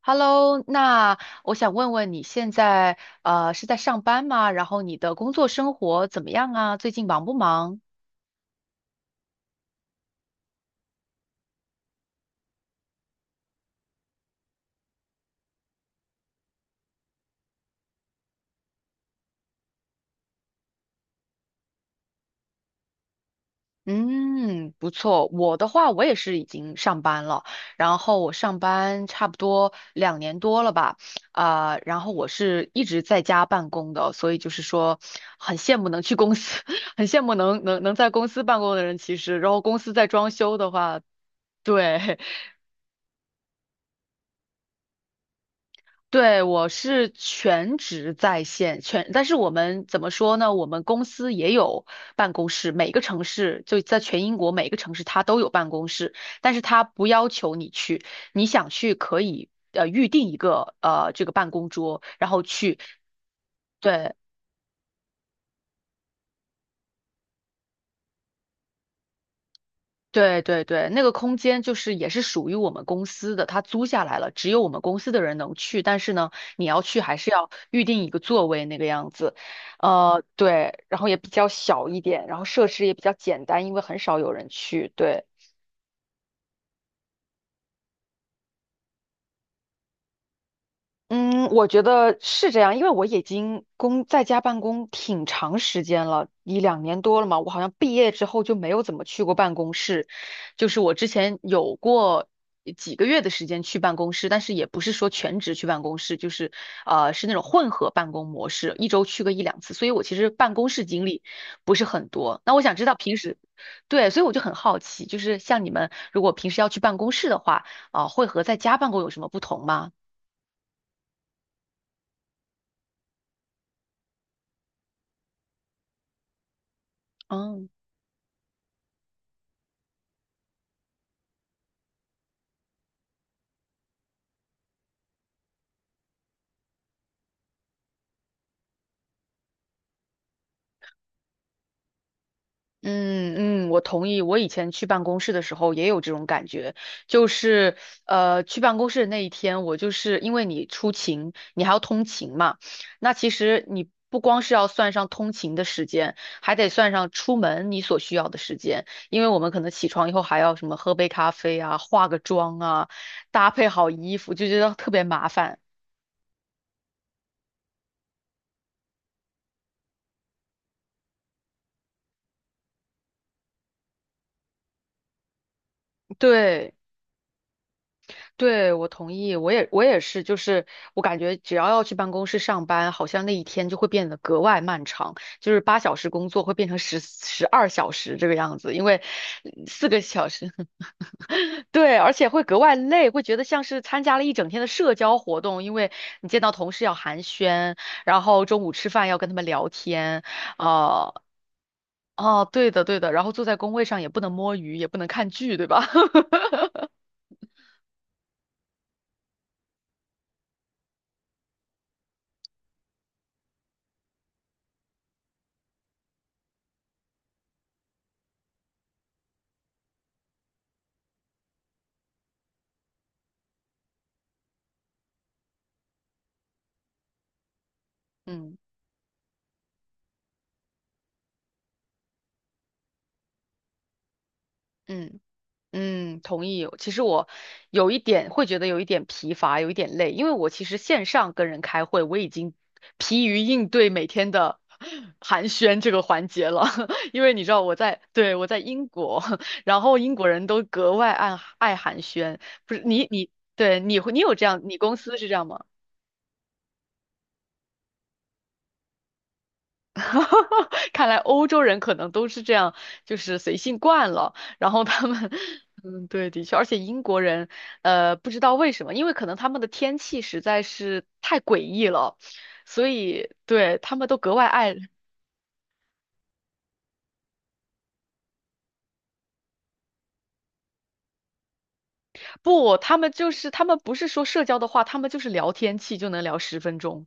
Hello,那我想问问你现在是在上班吗？然后你的工作生活怎么样啊？最近忙不忙？嗯，不错。我的话，我也是已经上班了，然后我上班差不多两年多了吧，啊、然后我是一直在家办公的，所以就是说很羡慕能去公司，很羡慕能在公司办公的人。其实，然后公司在装修的话，对对，我是全职在线，全，但是我们怎么说呢？我们公司也有办公室，每个城市就在全英国每个城市它都有办公室，但是它不要求你去，你想去可以预定一个这个办公桌，然后去。对，对，那个空间就是也是属于我们公司的，它租下来了，只有我们公司的人能去。但是呢，你要去还是要预定一个座位那个样子，对，然后也比较小一点，然后设施也比较简单，因为很少有人去。对。嗯，我觉得是这样，因为我已经工在家办公挺长时间了，一两年多了嘛。我好像毕业之后就没有怎么去过办公室，就是我之前有过几个月的时间去办公室，但是也不是说全职去办公室，就是是那种混合办公模式，一周去个一两次。所以我其实办公室经历不是很多。那我想知道平时，对，所以我就很好奇，就是像你们如果平时要去办公室的话，啊、会和在家办公有什么不同吗？嗯。嗯嗯，我同意。我以前去办公室的时候也有这种感觉，就是去办公室的那一天，我就是因为你出勤，你还要通勤嘛，那其实你不光是要算上通勤的时间，还得算上出门你所需要的时间，因为我们可能起床以后还要什么喝杯咖啡啊，化个妆啊，搭配好衣服，就觉得特别麻烦。对。对，我同意，我也是，就是我感觉只要要去办公室上班，好像那一天就会变得格外漫长，就是八小时工作会变成十二小时这个样子，因为四个小时，对，而且会格外累，会觉得像是参加了一整天的社交活动，因为你见到同事要寒暄，然后中午吃饭要跟他们聊天，啊、哦，对的，然后坐在工位上也不能摸鱼，也不能看剧，对吧？嗯嗯。嗯，同意。其实我有一点会觉得有一点疲乏，有一点累，因为我其实线上跟人开会，我已经疲于应对每天的 寒暄这个环节了。因为你知道我在，对，我在英国，然后英国人都格外爱寒暄。不是你对你有这样，你公司是这样吗？看来欧洲人可能都是这样，就是随性惯了。然后他们，嗯，对，的确，而且英国人，不知道为什么，因为可能他们的天气实在是太诡异了，所以对他们都格外爱。不，他们就是他们不是说社交的话，他们就是聊天气就能聊十分钟。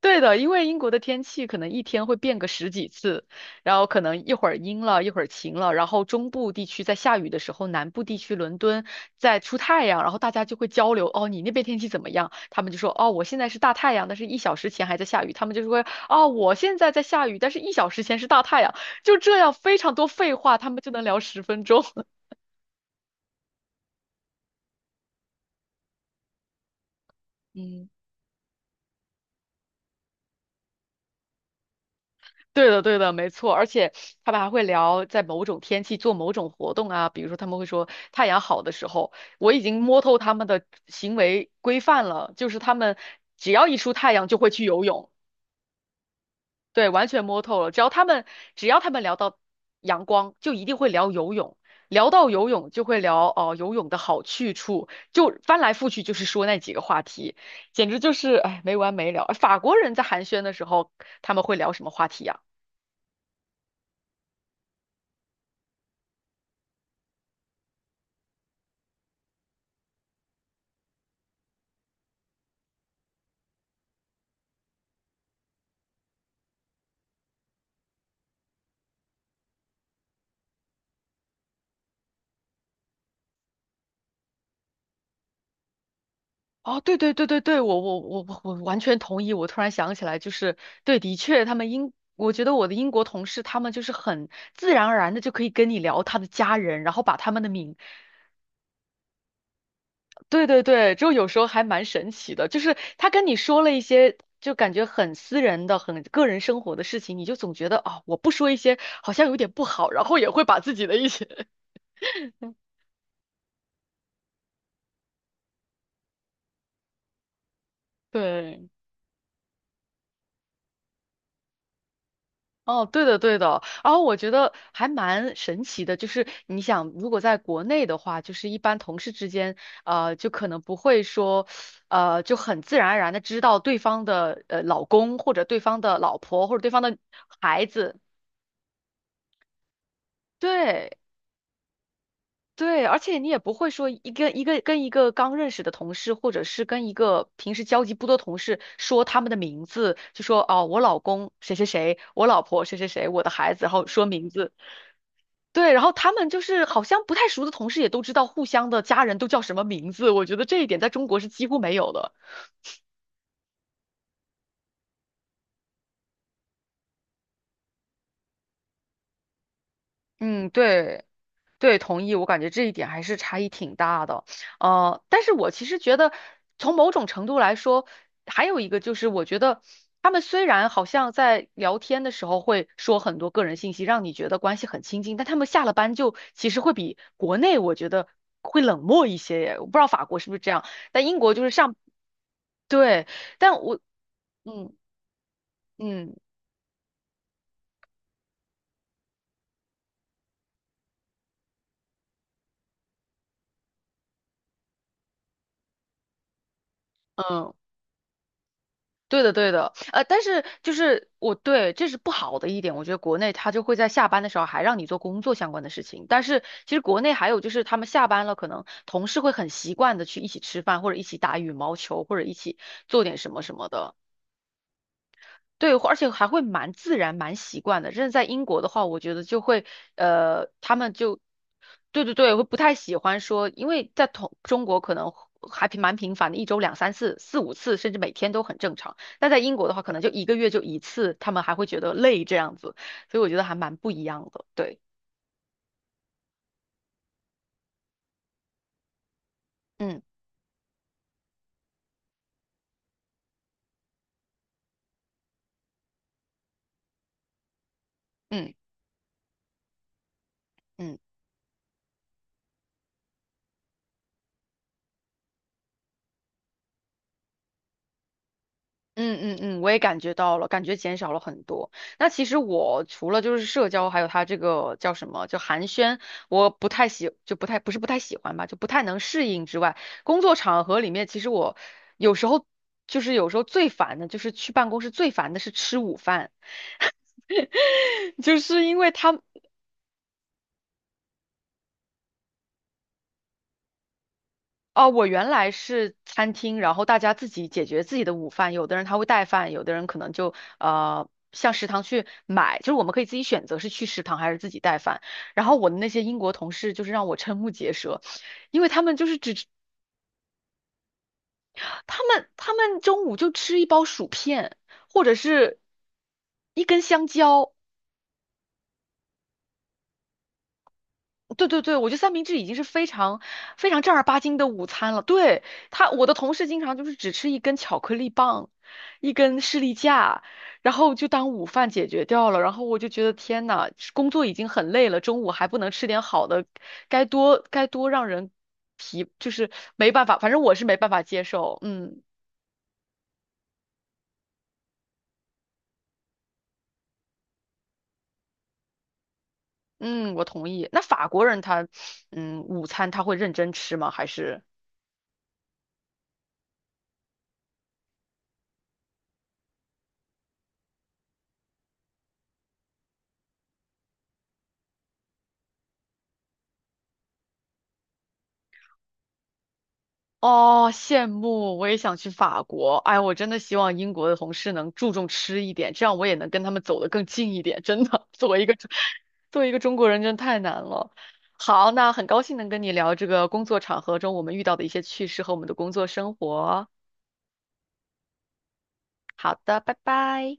对的，因为英国的天气可能一天会变个十几次，然后可能一会儿阴了，一会儿晴了，然后中部地区在下雨的时候，南部地区伦敦在出太阳，然后大家就会交流，哦，你那边天气怎么样？他们就说，哦，我现在是大太阳，但是一小时前还在下雨。他们就说，哦，我现在在下雨，但是一小时前是大太阳。就这样，非常多废话，他们就能聊十分钟。嗯，对的，对的，没错。而且他们还会聊，在某种天气做某种活动啊，比如说他们会说太阳好的时候，我已经摸透他们的行为规范了，就是他们只要一出太阳就会去游泳，对，完全摸透了。只要他们聊到阳光，就一定会聊游泳，聊到游泳就会聊哦、游泳的好去处，就翻来覆去就是说那几个话题，简直就是哎没完没了。法国人在寒暄的时候，他们会聊什么话题呀？哦，对，我完全同意。我突然想起来，就是对，的确，他们英，我觉得我的英国同事，他们就是很自然而然的就可以跟你聊他的家人，然后把他们的名，对，就有时候还蛮神奇的，就是他跟你说了一些就感觉很私人的、很个人生活的事情，你就总觉得啊、我不说一些好像有点不好，然后也会把自己的一些 对。哦，对的，对的。然后我觉得还蛮神奇的，就是你想，如果在国内的话，就是一般同事之间，就可能不会说，就很自然而然的知道对方的老公或者对方的老婆或者对方的孩子。对对，而且你也不会说一个跟一个刚认识的同事，或者是跟一个平时交集不多同事说他们的名字，就说哦，我老公谁谁谁，我老婆谁谁谁，我的孩子，然后说名字。对，然后他们就是好像不太熟的同事也都知道互相的家人都叫什么名字，我觉得这一点在中国是几乎没有的。嗯，对，对，同意，我感觉这一点还是差异挺大的。呃，但是我其实觉得，从某种程度来说，还有一个就是，我觉得他们虽然好像在聊天的时候会说很多个人信息，让你觉得关系很亲近，但他们下了班就其实会比国内我觉得会冷漠一些耶。我不知道法国是不是这样，但英国就是上，对，但我，嗯嗯。嗯，对的，对的，但是就是我对这是不好的一点，我觉得国内他就会在下班的时候还让你做工作相关的事情，但是其实国内还有就是他们下班了，可能同事会很习惯的去一起吃饭，或者一起打羽毛球，或者一起做点什么什么的，对，而且还会蛮自然、蛮习惯的。真的在英国的话，我觉得就会，他们就，对，会不太喜欢说，因为在同中国可能还挺蛮频繁的，一周两三次、四五次，甚至每天都很正常。但在英国的话，可能就一个月就一次，他们还会觉得累这样子，所以我觉得还蛮不一样的。对，嗯嗯嗯。嗯嗯嗯，我也感觉到了，感觉减少了很多。那其实我除了就是社交，还有他这个叫什么，就寒暄，我不太喜，就不太，不是不太喜欢吧，就不太能适应之外，工作场合里面，其实我有时候就是有时候最烦的就是去办公室最烦的是吃午饭。就是因为他哦，我原来是餐厅，然后大家自己解决自己的午饭，有的人他会带饭，有的人可能就向食堂去买，就是我们可以自己选择是去食堂还是自己带饭。然后我的那些英国同事就是让我瞠目结舌，因为他们就是只吃他们中午就吃一包薯片，或者是一根香蕉，对，我觉得三明治已经是非常非常正儿八经的午餐了。对，他，我的同事经常就是只吃一根巧克力棒，一根士力架，然后就当午饭解决掉了。然后我就觉得天呐，工作已经很累了，中午还不能吃点好的，该多让人疲，就是没办法，反正我是没办法接受。嗯嗯，我同意。那法国人他，嗯，午餐他会认真吃吗？还是？哦，羡慕，我也想去法国。哎，我真的希望英国的同事能注重吃一点，这样我也能跟他们走得更近一点。真的，作为一个中国人，真的太难了。好，那很高兴能跟你聊这个工作场合中我们遇到的一些趣事和我们的工作生活。好的，拜拜。